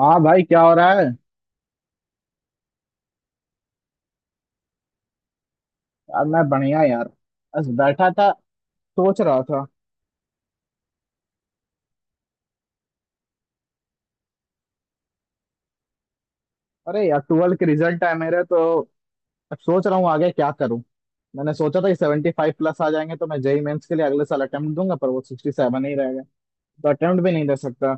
हाँ भाई, क्या हो रहा है। यार मैं बढ़िया यार। बस बैठा था। सोच रहा था। अरे यार, ट्वेल्थ के रिजल्ट है मेरे तो। अब सोच रहा हूँ आगे क्या करूँ। मैंने सोचा था कि 75 प्लस आ जाएंगे तो मैं जेई मेंस के लिए अगले साल अटेम्प्ट दूंगा, पर वो 67 ही रहेगा। तो अटेम्प्ट भी नहीं दे सकता।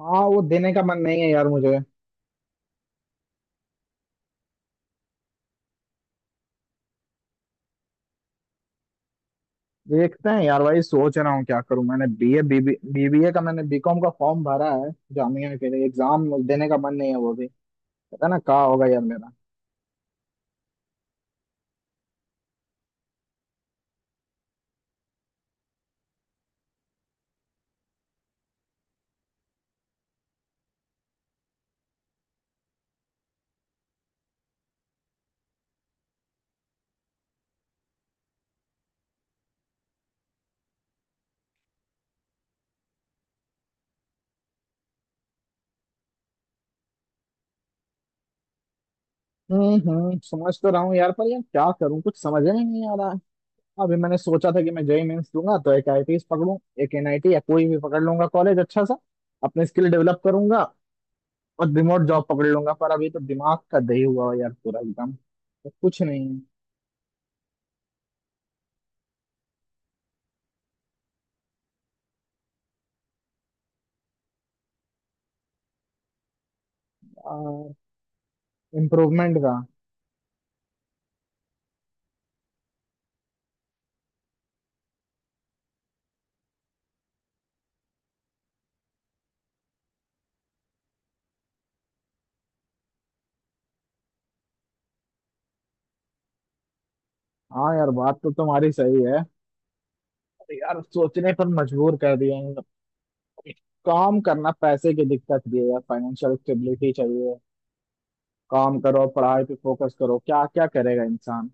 हाँ, वो देने का मन नहीं है यार मुझे। देखते हैं यार भाई, सोच रहा हूँ क्या करूँ। मैंने बीए बीबी बीबीए का मैंने बीकॉम का फॉर्म भरा है। जामिया के लिए एग्जाम देने का मन नहीं है वो भी। पता ना कहाँ होगा यार मेरा। हम्म, हम्म, समझ तो रहा हूँ यार, पर यार क्या करूँ, कुछ समझ में नहीं आ रहा है। अभी मैंने सोचा था कि मैं जेई मेंस दूंगा तो एक आईटी पकड़ूं, एक एनआईटी या कोई भी पकड़ लूंगा कॉलेज अच्छा सा। अपने स्किल डेवलप करूंगा और रिमोट जॉब पकड़ लूंगा, पर अभी तो दिमाग का दही हुआ है यार पूरा एकदम, तो कुछ नहीं है। इम्प्रूवमेंट का। हाँ यार, बात तो तुम्हारी सही है। अरे यार, सोचने पर मजबूर कर दिया है मतलब। काम करना, पैसे की दिक्कत भी है यार, फाइनेंशियल स्टेबिलिटी चाहिए। काम करो, पढ़ाई पे फोकस करो, क्या क्या करेगा इंसान।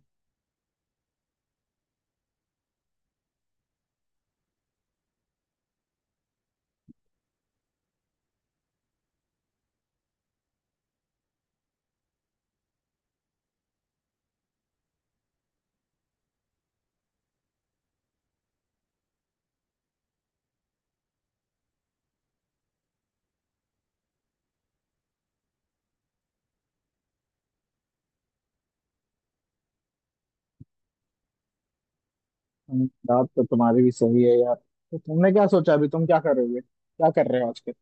बात तो तुम्हारी भी सही है यार। तो तुमने क्या सोचा? अभी तुम क्या कर रहे हो? क्या कर रहे हो आजकल?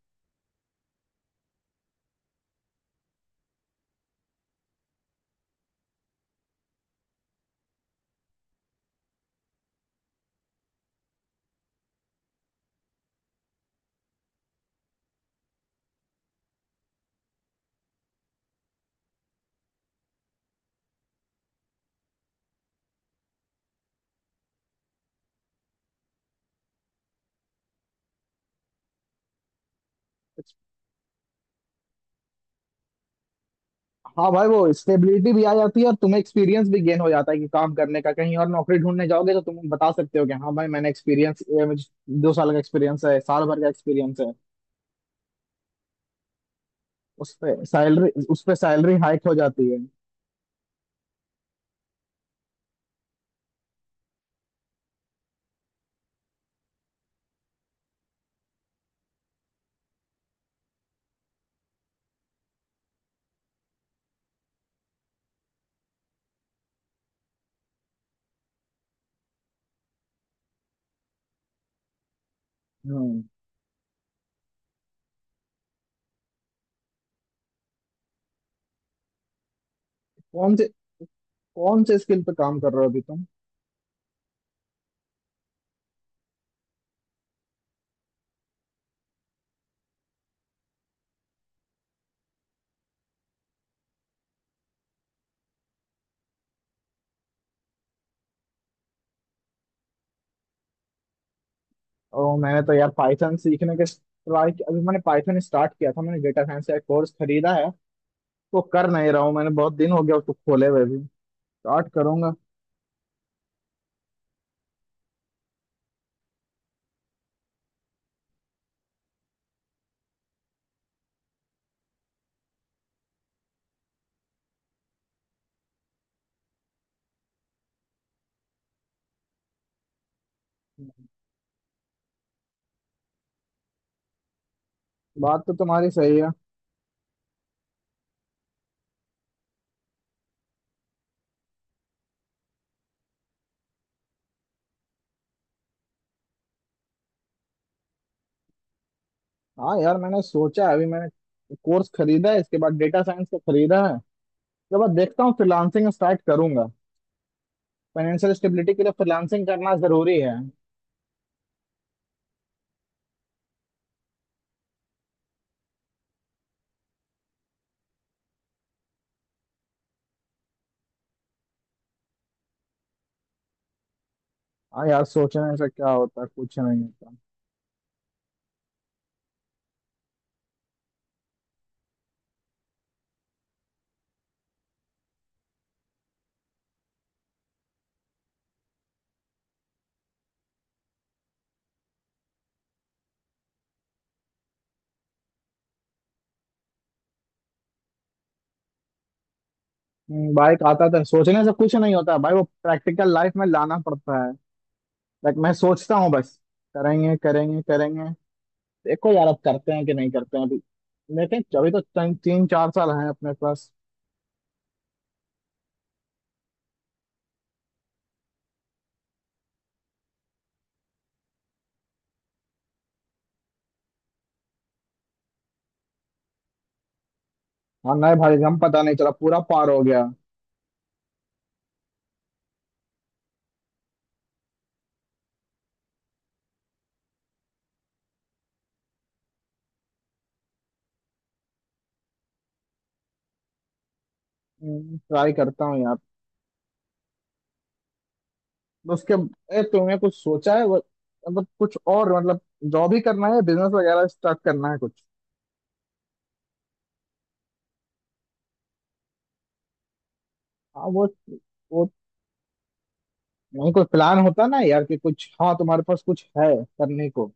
हाँ भाई, वो स्टेबिलिटी भी आ जाती है और तुम्हें एक्सपीरियंस भी गेन हो जाता है कि काम करने का। कहीं और नौकरी ढूंढने जाओगे तो तुम बता सकते हो कि हाँ भाई, मैंने एक्सपीरियंस, मुझे 2 साल का एक्सपीरियंस है, साल भर का एक्सपीरियंस है। उस पे सैलरी हाइक हो जाती है। हम्म। कौन से कौन से स्किल पे काम कर रहे हो अभी तुम? और मैंने तो यार पाइथन सीखने के ट्राई, अभी मैंने पाइथन स्टार्ट किया था, मैंने डेटा साइंस का कोर्स खरीदा है। वो कर नहीं रहा हूँ मैंने, बहुत दिन हो गया उसको खोले हुए भी। स्टार्ट करूंगा। बात तो तुम्हारी सही है। हाँ यार, मैंने सोचा है, अभी मैंने कोर्स खरीदा है, इसके बाद डेटा साइंस का खरीदा है। उसके बाद देखता हूँ फ्रीलांसिंग स्टार्ट करूंगा। फाइनेंशियल स्टेबिलिटी के लिए फ्रीलांसिंग करना जरूरी है। हाँ यार, सोचने से क्या होता है, कुछ नहीं होता। भाई आता था, सोचने से कुछ नहीं होता भाई, वो प्रैक्टिकल लाइफ में लाना पड़ता है। लाइक मैं सोचता हूँ बस करेंगे करेंगे करेंगे। देखो यार, अब करते हैं कि नहीं करते हैं अभी। लेकिन अभी तो तीन तीन चार साल हैं अपने पास। और नए भाई हम, पता नहीं चला पूरा पार हो गया। ट्राई करता हूँ यार। तो उसके तुमने कुछ सोचा है मतलब कुछ और मतलब। जॉब ही करना है, बिजनेस वगैरह स्टार्ट करना है कुछ? हाँ वो नहीं, कोई प्लान होता ना यार कि कुछ। हाँ, तुम्हारे पास कुछ है करने को?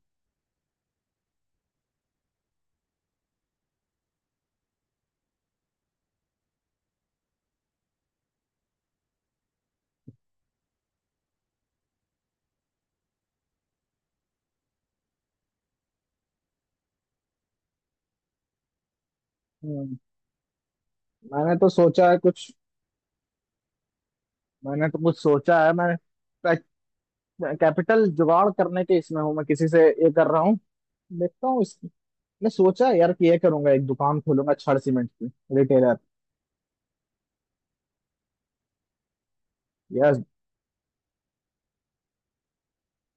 हम्म। मैंने तो सोचा है कुछ। मैंने तो कुछ सोचा है मैं। कैपिटल जुगाड़ करने के इसमें हूँ मैं, किसी से ये कर रहा हूँ, देखता हूँ। मैं सोचा यार कि ये करूंगा, एक दुकान खोलूंगा छड़ सीमेंट की, रिटेलर। यार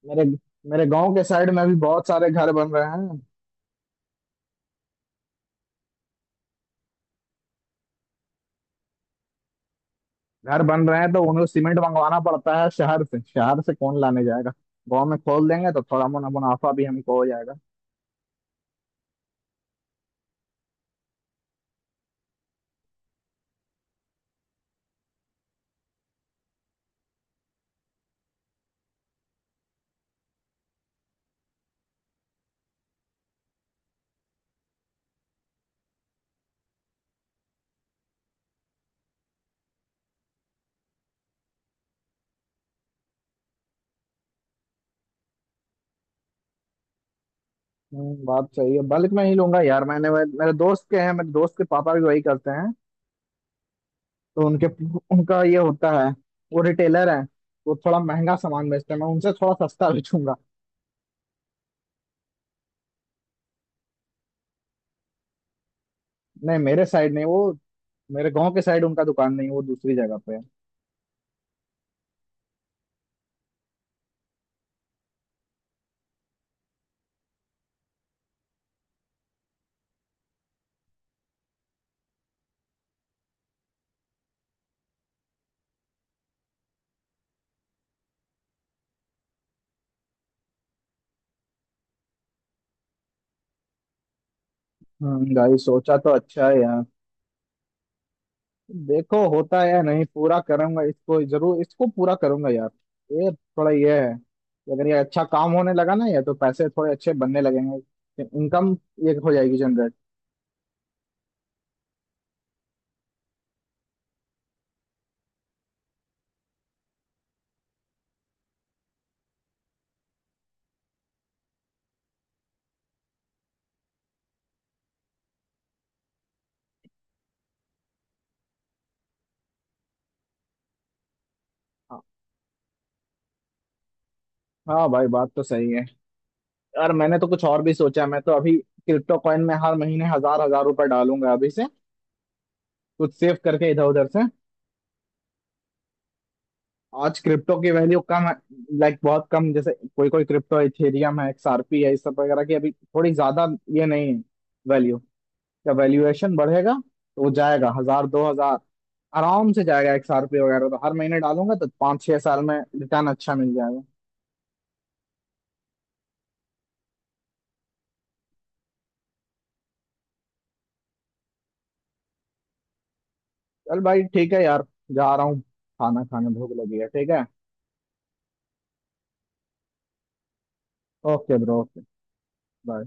मेरे मेरे गांव के साइड में भी बहुत सारे घर बन रहे हैं। घर बन रहे हैं तो उन्हें सीमेंट मंगवाना पड़ता है शहर से। कौन लाने जाएगा? गांव में खोल देंगे तो थोड़ा मुनाफा भी हमको हो जाएगा। बात सही है, बल्क में ही लूंगा यार। मैंने मेरे दोस्त के हैं मेरे दोस्त के पापा भी वही करते हैं। तो उनके उनका ये होता है, वो रिटेलर है, वो थोड़ा महंगा सामान बेचते हैं, मैं उनसे थोड़ा सस्ता बेचूंगा। नहीं मेरे साइड नहीं वो, मेरे गांव के साइड उनका दुकान नहीं, वो दूसरी जगह पे है। भाई सोचा तो अच्छा है यार। देखो होता है या नहीं, पूरा करूंगा इसको जरूर इसको पूरा करूंगा यार। ये थोड़ा ये है कि अगर ये अच्छा काम होने लगा ना, ये तो पैसे थोड़े अच्छे बनने लगेंगे, इनकम ये हो जाएगी जनरेट। हाँ, हाँ भाई, बात तो सही है यार। मैंने तो कुछ और भी सोचा है, मैं तो अभी क्रिप्टो कॉइन में हर महीने हजार हजार रुपए डालूंगा अभी से, कुछ सेव करके इधर उधर से। आज क्रिप्टो की वैल्यू कम है, लाइक बहुत कम। जैसे कोई कोई क्रिप्टो है, इथेरियम है, एक्सआरपी है, इस सब वगैरह की अभी थोड़ी ज्यादा ये नहीं है वैल्यू। का वैल्यूएशन बढ़ेगा तो वो जाएगा हजार दो हजार आराम से, जाएगा एक साल पे वगैरह। तो हर महीने डालूंगा तो 5-6 साल में रिटर्न अच्छा मिल जाएगा। चल भाई, ठीक है यार, जा रहा हूँ खाना खाने, भूख लगी है। ठीक है, ओके ब्रो, ओके, बाय।